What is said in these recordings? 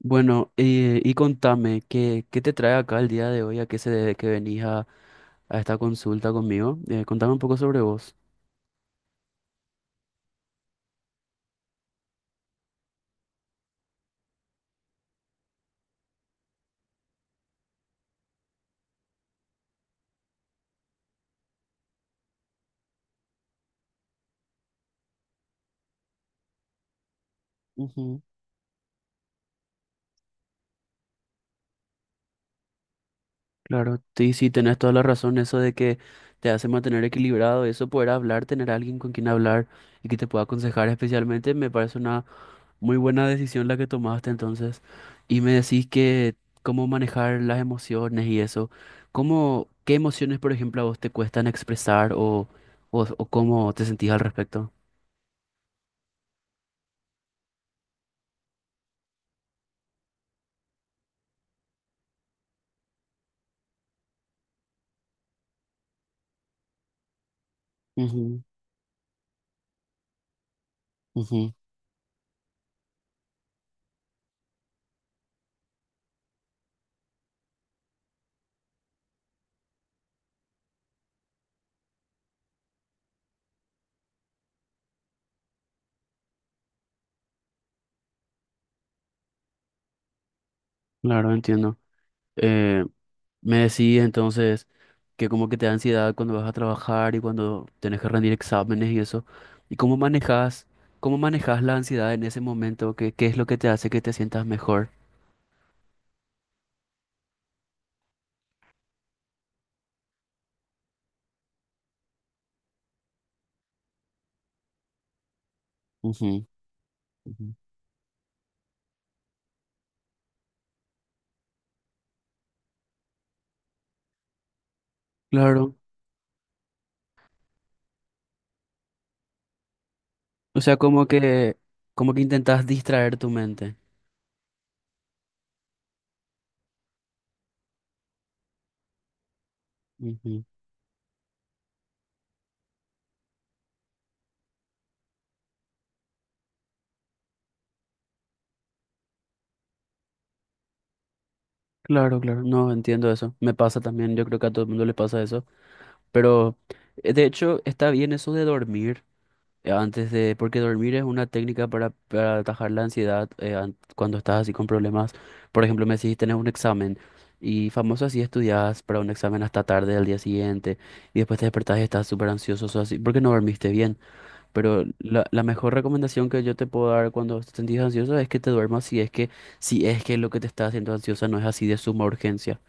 Bueno, y contame, ¿qué te trae acá el día de hoy? ¿A qué se debe que venís a esta consulta conmigo? Contame un poco sobre vos. Ujú. Claro, sí, sí, tenés toda la razón, eso de que te hace mantener equilibrado, eso poder hablar, tener a alguien con quien hablar y que te pueda aconsejar especialmente, me parece una muy buena decisión la que tomaste entonces. Y me decís que cómo manejar las emociones y eso, ¿cómo, qué emociones, por ejemplo, a vos te cuestan expresar o cómo te sentís al respecto? Ujú, ujú. Claro, entiendo. Eh, Me decís entonces que como que te da ansiedad cuando vas a trabajar y cuando tenés que rendir exámenes y eso. ¿Y cómo manejas la ansiedad en ese momento? ¿Qué es lo que te hace que te sientas mejor? Ujú, ujú. Claro. O sea, como que intentas distraer tu mente. Ujú. Claro, claro, no entiendo eso. Me pasa también, yo creo que a todo el mundo le pasa eso. Pero de hecho está bien eso de dormir. Porque dormir es una técnica para atajar la ansiedad cuando estás así con problemas. Por ejemplo, me decís, tenés un examen y famoso así estudias para un examen hasta tarde del día siguiente y después te despertás y estás súper ansioso, sos así, porque no dormiste bien. Pero la mejor recomendación que yo te puedo dar cuando te sentís ansioso es que te duermas si es que lo que te está haciendo ansiosa no es así de suma urgencia.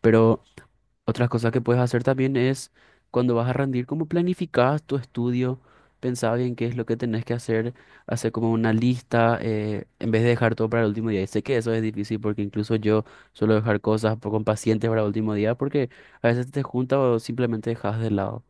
Pero otra cosa que puedes hacer también es cuando vas a rendir, como planificas tu estudio, pensá bien qué es lo que tenés que hacer, hacer como una lista, en vez de dejar todo para el último día. Y sé que eso es difícil porque incluso yo suelo dejar cosas con pacientes para el último día porque a veces te juntas o simplemente dejas de lado.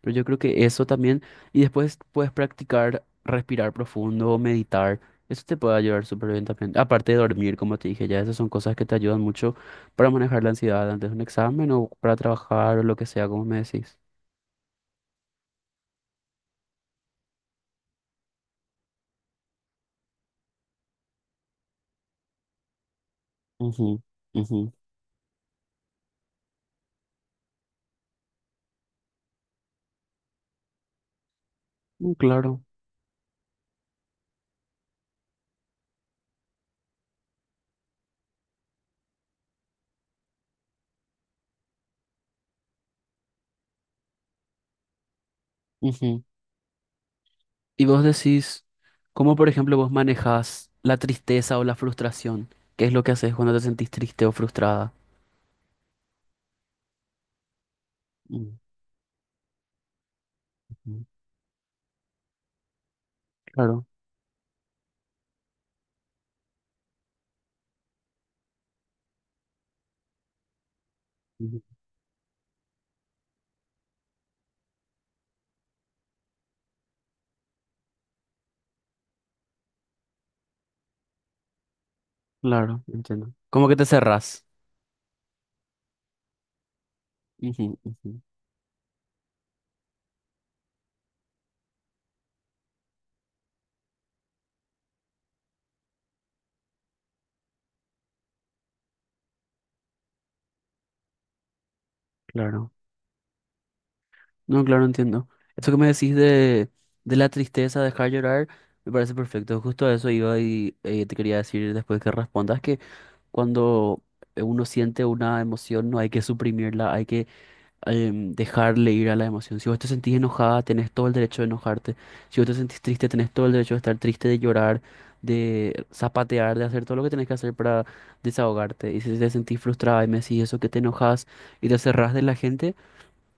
Pero yo creo que eso también, y después puedes practicar respirar profundo o meditar. Eso te puede ayudar súper bien también. Aparte de dormir, como te dije ya, esas son cosas que te ayudan mucho para manejar la ansiedad antes de un examen o para trabajar o lo que sea, como me decís. Ujú, ujú. Mm, claro. Ujú. Y vos decís, ¿cómo por ejemplo vos manejás la tristeza o la frustración? ¿Qué es lo que haces cuando te sentís triste o frustrada? Ujú, claro, ujú, claro, entiendo. ¿Cómo que te cerrás? Ujú, ujú, claro. No, claro, entiendo. Eso que me decís de la tristeza, dejar llorar, me parece perfecto. Justo a eso iba y te quería decir después que respondas que cuando uno siente una emoción, no hay que suprimirla, hay que dejarle ir a la emoción. Si vos te sentís enojada, tenés todo el derecho de enojarte. Si vos te sentís triste, tenés todo el derecho de estar triste, de llorar, de zapatear, de hacer todo lo que tenés que hacer para desahogarte. Y si te sentís frustrada y me decís eso, que te enojas y te cerrás de la gente,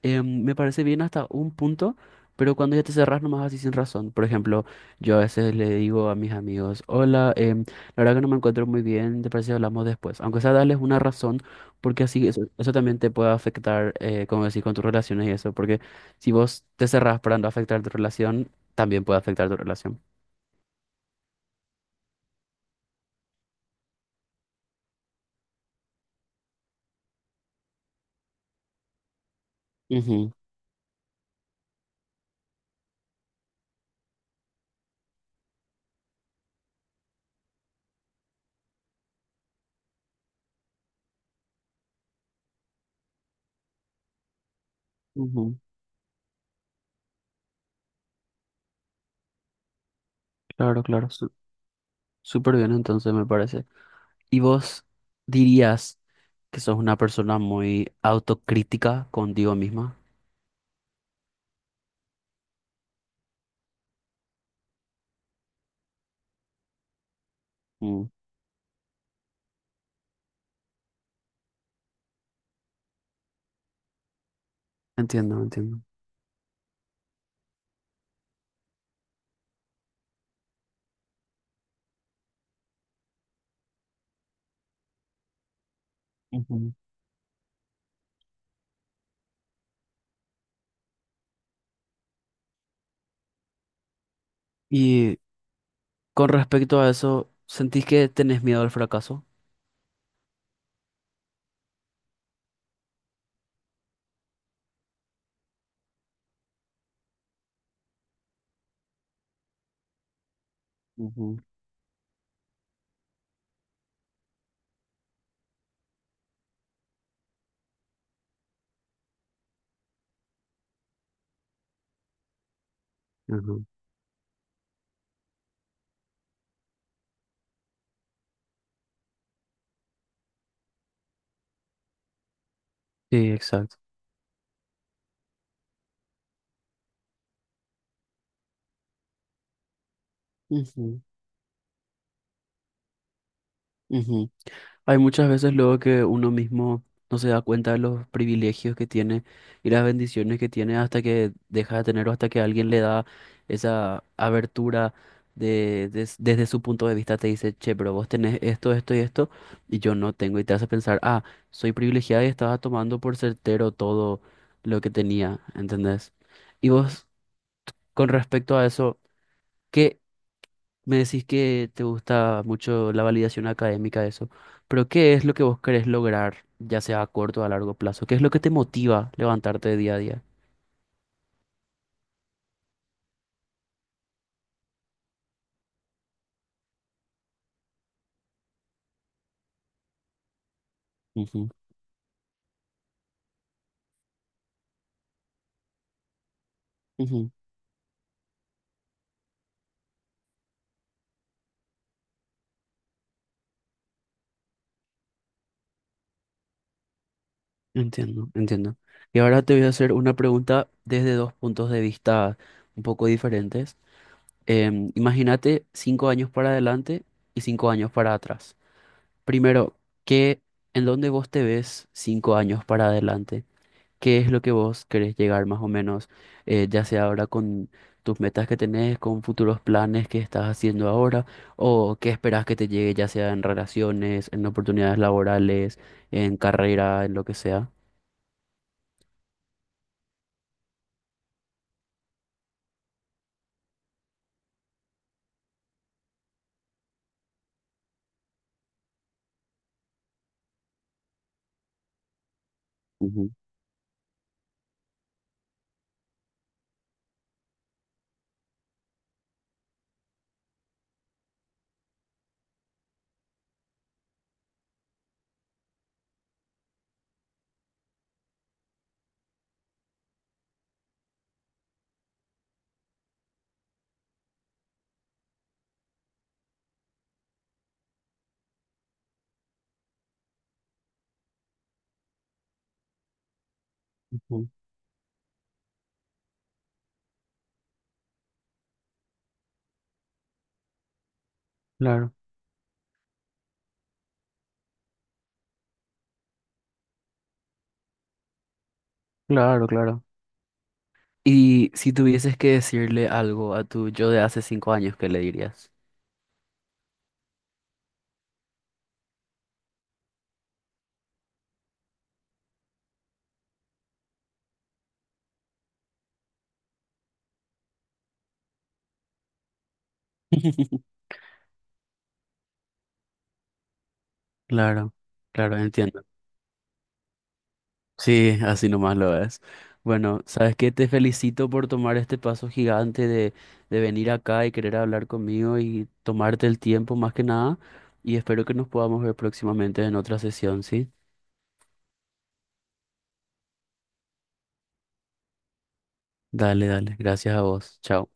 me parece bien hasta un punto, pero cuando ya te cerrás nomás así sin razón. Por ejemplo, yo a veces le digo a mis amigos, hola, la verdad que no me encuentro muy bien, ¿te parece si hablamos después? Aunque sea darles una razón, porque así eso, eso también te puede afectar, como decís, con tus relaciones y eso, porque si vos te cerrás para no afectar tu relación, también puede afectar tu relación. Ujú, ujú. Claro, claro, súper bien entonces me parece. ¿Y vos dirías que sos una persona muy autocrítica contigo misma? Mm, entiendo, entiendo. Ujú. Y con respecto a eso, ¿sentís que tenés miedo al fracaso? Ujú. Ajá. Sí, exacto. Ujú, ujú. Hay muchas veces luego que uno mismo no se da cuenta de los privilegios que tiene y las bendiciones que tiene hasta que deja de tener o hasta que alguien le da esa abertura de, desde su punto de vista te dice, che, pero vos tenés esto, esto y esto y yo no tengo y te hace pensar, ah, soy privilegiada y estaba tomando por certero todo lo que tenía, ¿entendés? Y vos, con respecto a eso, ¿qué? Me decís que te gusta mucho la validación académica, eso, pero ¿qué es lo que vos querés lograr, ya sea a corto o a largo plazo? ¿Qué es lo que te motiva levantarte día a día? Ujú, ujú. Entiendo, entiendo. Y ahora te voy a hacer una pregunta desde dos puntos de vista un poco diferentes. Imagínate 5 años para adelante y 5 años para atrás. Primero, ¿qué, en dónde vos te ves 5 años para adelante? Qué es lo que vos querés llegar más o menos, ya sea ahora con tus metas que tenés, con futuros planes que estás haciendo ahora, o qué esperás que te llegue, ya sea en relaciones, en oportunidades laborales, en carrera, en lo que sea. Ujú, ujú. Claro, claro, claro. Y si tuvieses que decirle algo a tu yo de hace 5 años, ¿qué le dirías? Claro, claro, entiendo. Sí, así nomás lo es. Bueno, ¿sabes qué? Te felicito por tomar este paso gigante de venir acá y querer hablar conmigo y tomarte el tiempo más que nada. Y espero que nos podamos ver próximamente en otra sesión, ¿sí? Dale, dale. Gracias a vos. Chao.